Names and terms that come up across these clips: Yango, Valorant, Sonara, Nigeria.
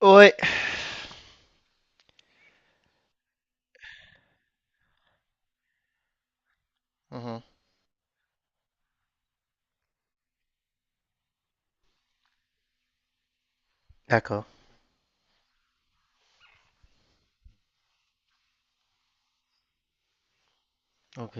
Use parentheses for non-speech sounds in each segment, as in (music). Ouais. Mhm. D'accord. Ok.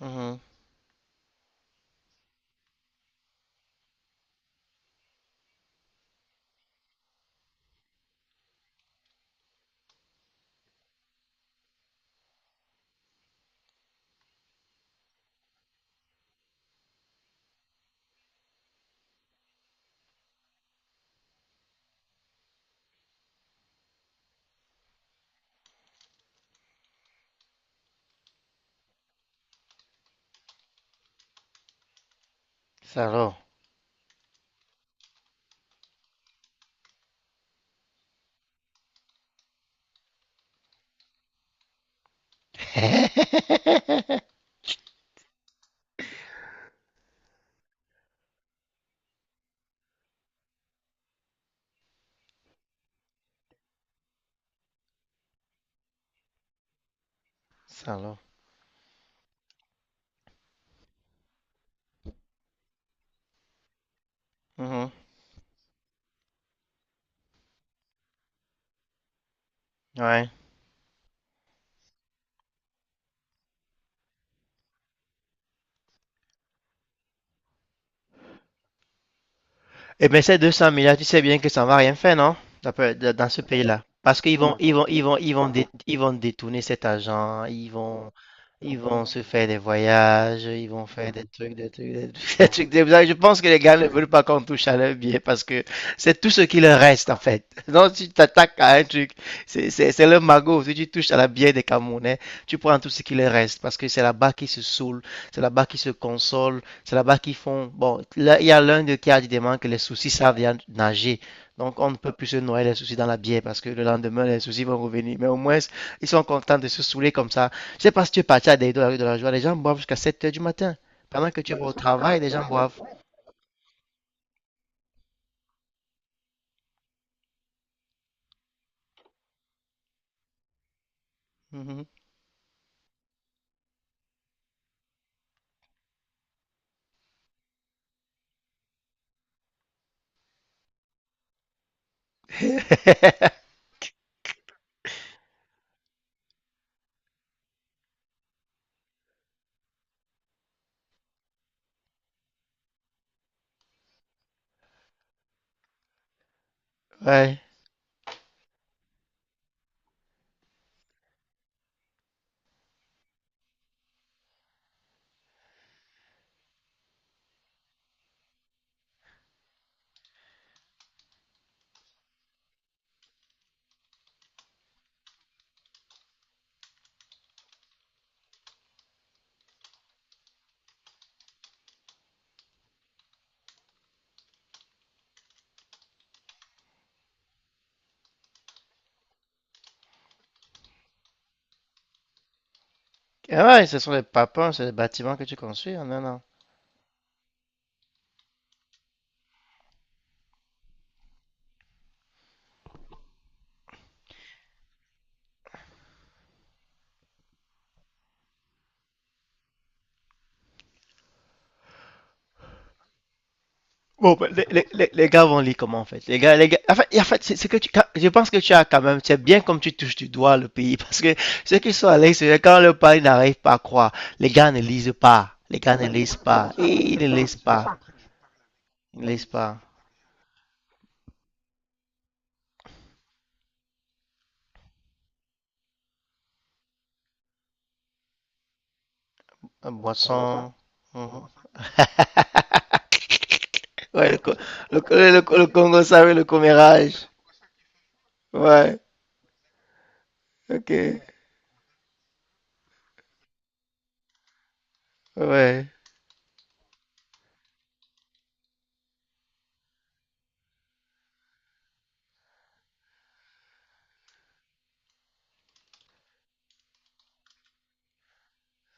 Mhm. Salaud. (laughs) Salaud. Mhm. Ouais. Eh bien, ces 200 000 là, tu sais bien que ça ne va rien faire, non? Ça peut- dans ce pays-là. Parce qu'ils vont, ils vont détourner cet argent, ils vont se faire des voyages, ils vont faire des trucs, des trucs, des trucs, (laughs) des trucs. Des trucs. Je pense que les gars ne veulent pas qu'on touche à leur bien parce que c'est tout ce qui leur reste, en fait. (laughs) Donc, si tu t'attaques à un truc, c'est, c'est le magot. Si tu touches à la bière des Camerounais, tu prends tout ce qui leur reste parce que c'est là-bas qu'ils se saoulent, c'est là-bas qu'ils se consolent, c'est là-bas qu'ils font. Bon, là, il y a l'un d'eux qui a dit demain que les soucis savent bien nager. Donc, on ne peut plus se noyer les soucis dans la bière parce que le lendemain, les soucis vont revenir. Mais au moins, ils sont contents de se saouler comme ça. Je ne sais pas si tu es parti à des de la rue de la joie. Les gens boivent jusqu'à 7 heures du matin. Pendant que tu vas au travail, les gens boivent. Mhm. (laughs) Ouais. Ah ouais, ce sont des papins, c'est des bâtiments que tu construis? Non, non. Bon, ben, les, les les- gars vont lire comment en fait. Les gars, en fait, c'est que tu, je pense que tu as quand même, c'est bien comme tu touches du doigt le pays (laughs) parce que ceux qui sont à l'extérieur, quand le pays n'arrive pas à croire, les gars ne lisent pas. Les gars ne lisent pas. Et ils ne lisent pas. Ils ne lisent pas. Un boisson. Mhm. Ouais, le Congo, ça oui, le commérage. Ouais, ok. Ouais,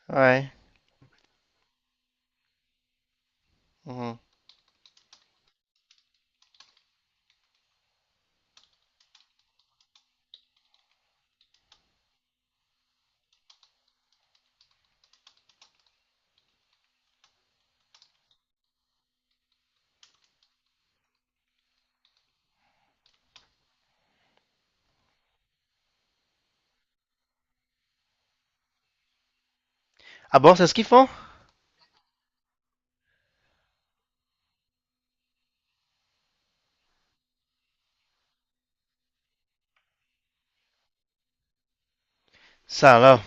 ouais. Mhm. Ah bon, c'est ce qu'ils font? Ça alors.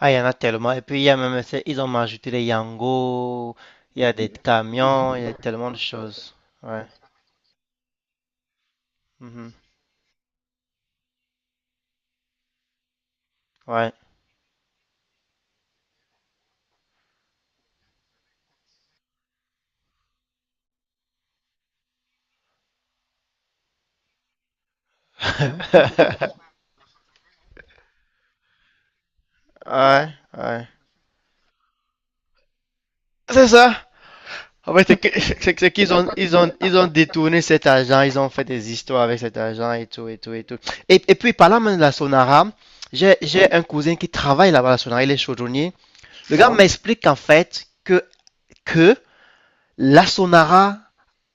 Ah, il y en a tellement. Et puis, il y a même, c'est- ils ont même ajouté les Yango, il y a des camions, il y a tellement de choses. Ouais. Mhm. Ouais. (laughs) Ouais, ouais. C'est ça. En fait, c'est qu'ils ont, ils ont détourné cet argent, ils ont fait des histoires avec cet argent et tout, et tout, et tout. Et puis, parlant même de la Sonara, j'ai un cousin qui travaille là-bas à la Sonara, il est chaudronnier. Le gars m'explique qu'en fait, que la Sonara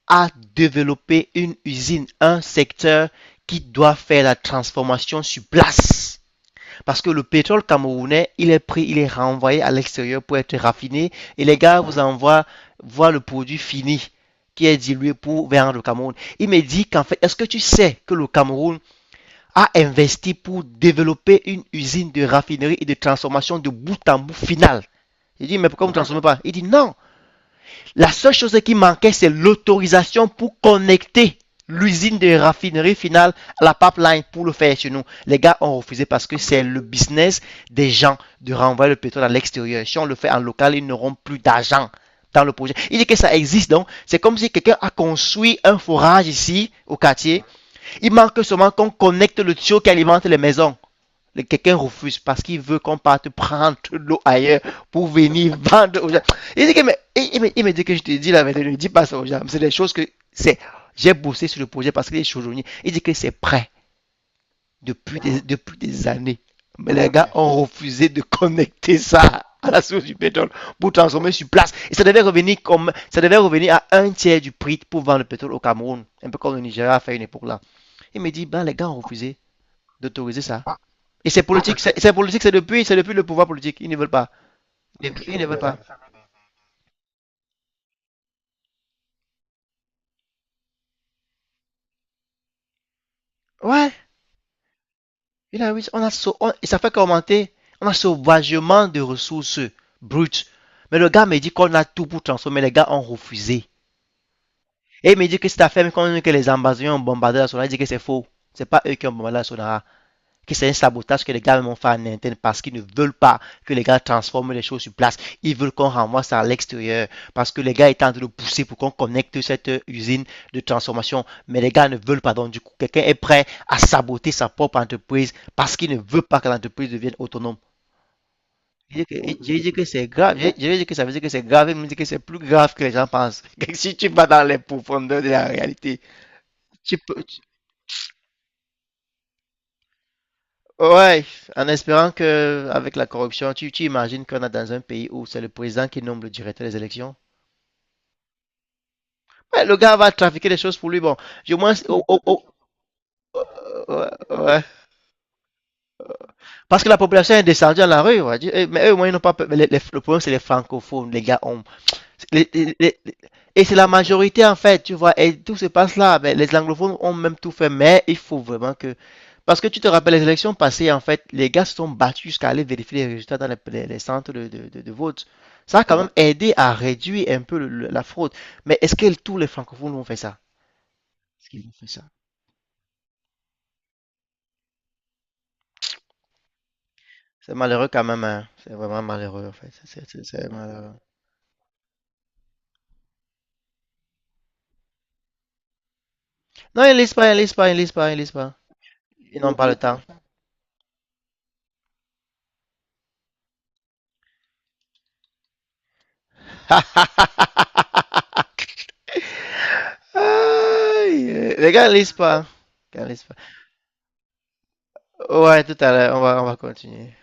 à développer une usine, un secteur qui doit faire la transformation sur place. Parce que le pétrole camerounais, il est pris, il est renvoyé à l'extérieur pour être raffiné. Et les gars vous envoient voir le produit fini qui est dilué pour vendre le Cameroun. Il me dit qu'en fait, est-ce que tu sais que le Cameroun a investi pour développer une usine de raffinerie et de transformation de bout en bout final? Il dit, mais pourquoi vous ne transformez pas? Il dit, non, la seule chose qui manquait, c'est l'autorisation pour connecter l'usine de raffinerie finale à la pipeline pour le faire chez nous. Les gars ont refusé parce que c'est le business des gens de renvoyer le pétrole à l'extérieur. Si on le fait en local, ils n'auront plus d'argent dans le projet. Il dit que ça existe donc. C'est comme si quelqu'un a construit un forage ici au quartier. Il manque seulement qu'on connecte le tuyau qui alimente les maisons. Quelqu'un refuse parce qu'il veut qu'on parte prendre l'eau ailleurs pour venir (laughs) vendre aux gens. Il dit que, mais, il me dit que je te dis la vérité, ne dis pas ça aux gens. C'est des choses que c'est. J'ai bossé sur le projet parce qu'il est chaudronnier. Il dit que c'est prêt depuis des années. Mais les gars ont refusé de connecter ça à la source du pétrole pour transformer sur place. Et ça devait revenir comme, ça devait revenir à un tiers du prix pour vendre le pétrole au Cameroun. Un peu comme le Nigeria a fait une époque là. Il me dit, ben, les gars ont refusé d'autoriser ça. Et c'est politique, c'est politique, c'est depuis le pouvoir politique. Ils ne veulent pas. Ils ne veulent pas. Ouais, il a, oui, on a sau- on- et ça fait qu'augmenter. On a sauvagement de ressources brutes. Mais le gars me dit qu'on a tout pour transformer. Les gars ont refusé. Et il me dit que cette affaire, quand on dit que les ambassadeurs ont bombardé la Sonara, il dit que c'est faux. C'est pas eux qui ont bombardé la Sonara. Que c'est un sabotage que les gars m'ont fait en interne parce qu'ils ne veulent pas que les gars transforment les choses sur place. Ils veulent qu'on renvoie ça à l'extérieur parce que les gars étaient en train de pousser pour qu'on connecte cette usine de transformation. Mais les gars ne veulent pas. Donc, du coup, quelqu'un est prêt à saboter sa propre entreprise parce qu'il ne veut pas que l'entreprise devienne autonome. Je dis que c'est grave. Je dis que ça veut dire que c'est grave. Il me dit que c'est plus grave que les gens pensent. (laughs) Si tu vas dans les profondeurs de la réalité, tu peux. Ouais, en espérant que, avec la corruption, tu imagines qu'on est dans un pays où c'est le président qui nomme le directeur des élections. Ouais, le gars va trafiquer des choses pour lui. Bon, du moins, ouais. Parce que la population est descendue à la rue. On va, eh, mais eux, au moins, ils n'ont pas peur. Mais le problème, c'est les francophones. Les gars ont les- les- les- et c'est la majorité en fait, tu vois, et tout se passe là. Mais les anglophones ont même tout fait, mais il faut vraiment que. Parce que tu te rappelles, les élections passées, en fait, les gars se sont battus jusqu'à aller vérifier les résultats dans les, les centres de, de vote. Ça a quand Ouais. même aidé à réduire un peu la fraude. Mais est-ce que tous les francophones ont fait ça? Est-ce qu'ils ont fait ça? C'est malheureux quand même, hein. C'est vraiment malheureux, en fait. C'est c'est malheureux. Non, ils lisent pas, ils lisent pas, ils lisent pas, ils lisent pas. Ils n'ont pas le temps. (laughs) Aïe! Les gars, lise pas. Les gars, lise pas. Ouais, tout à l'heure, on va continuer.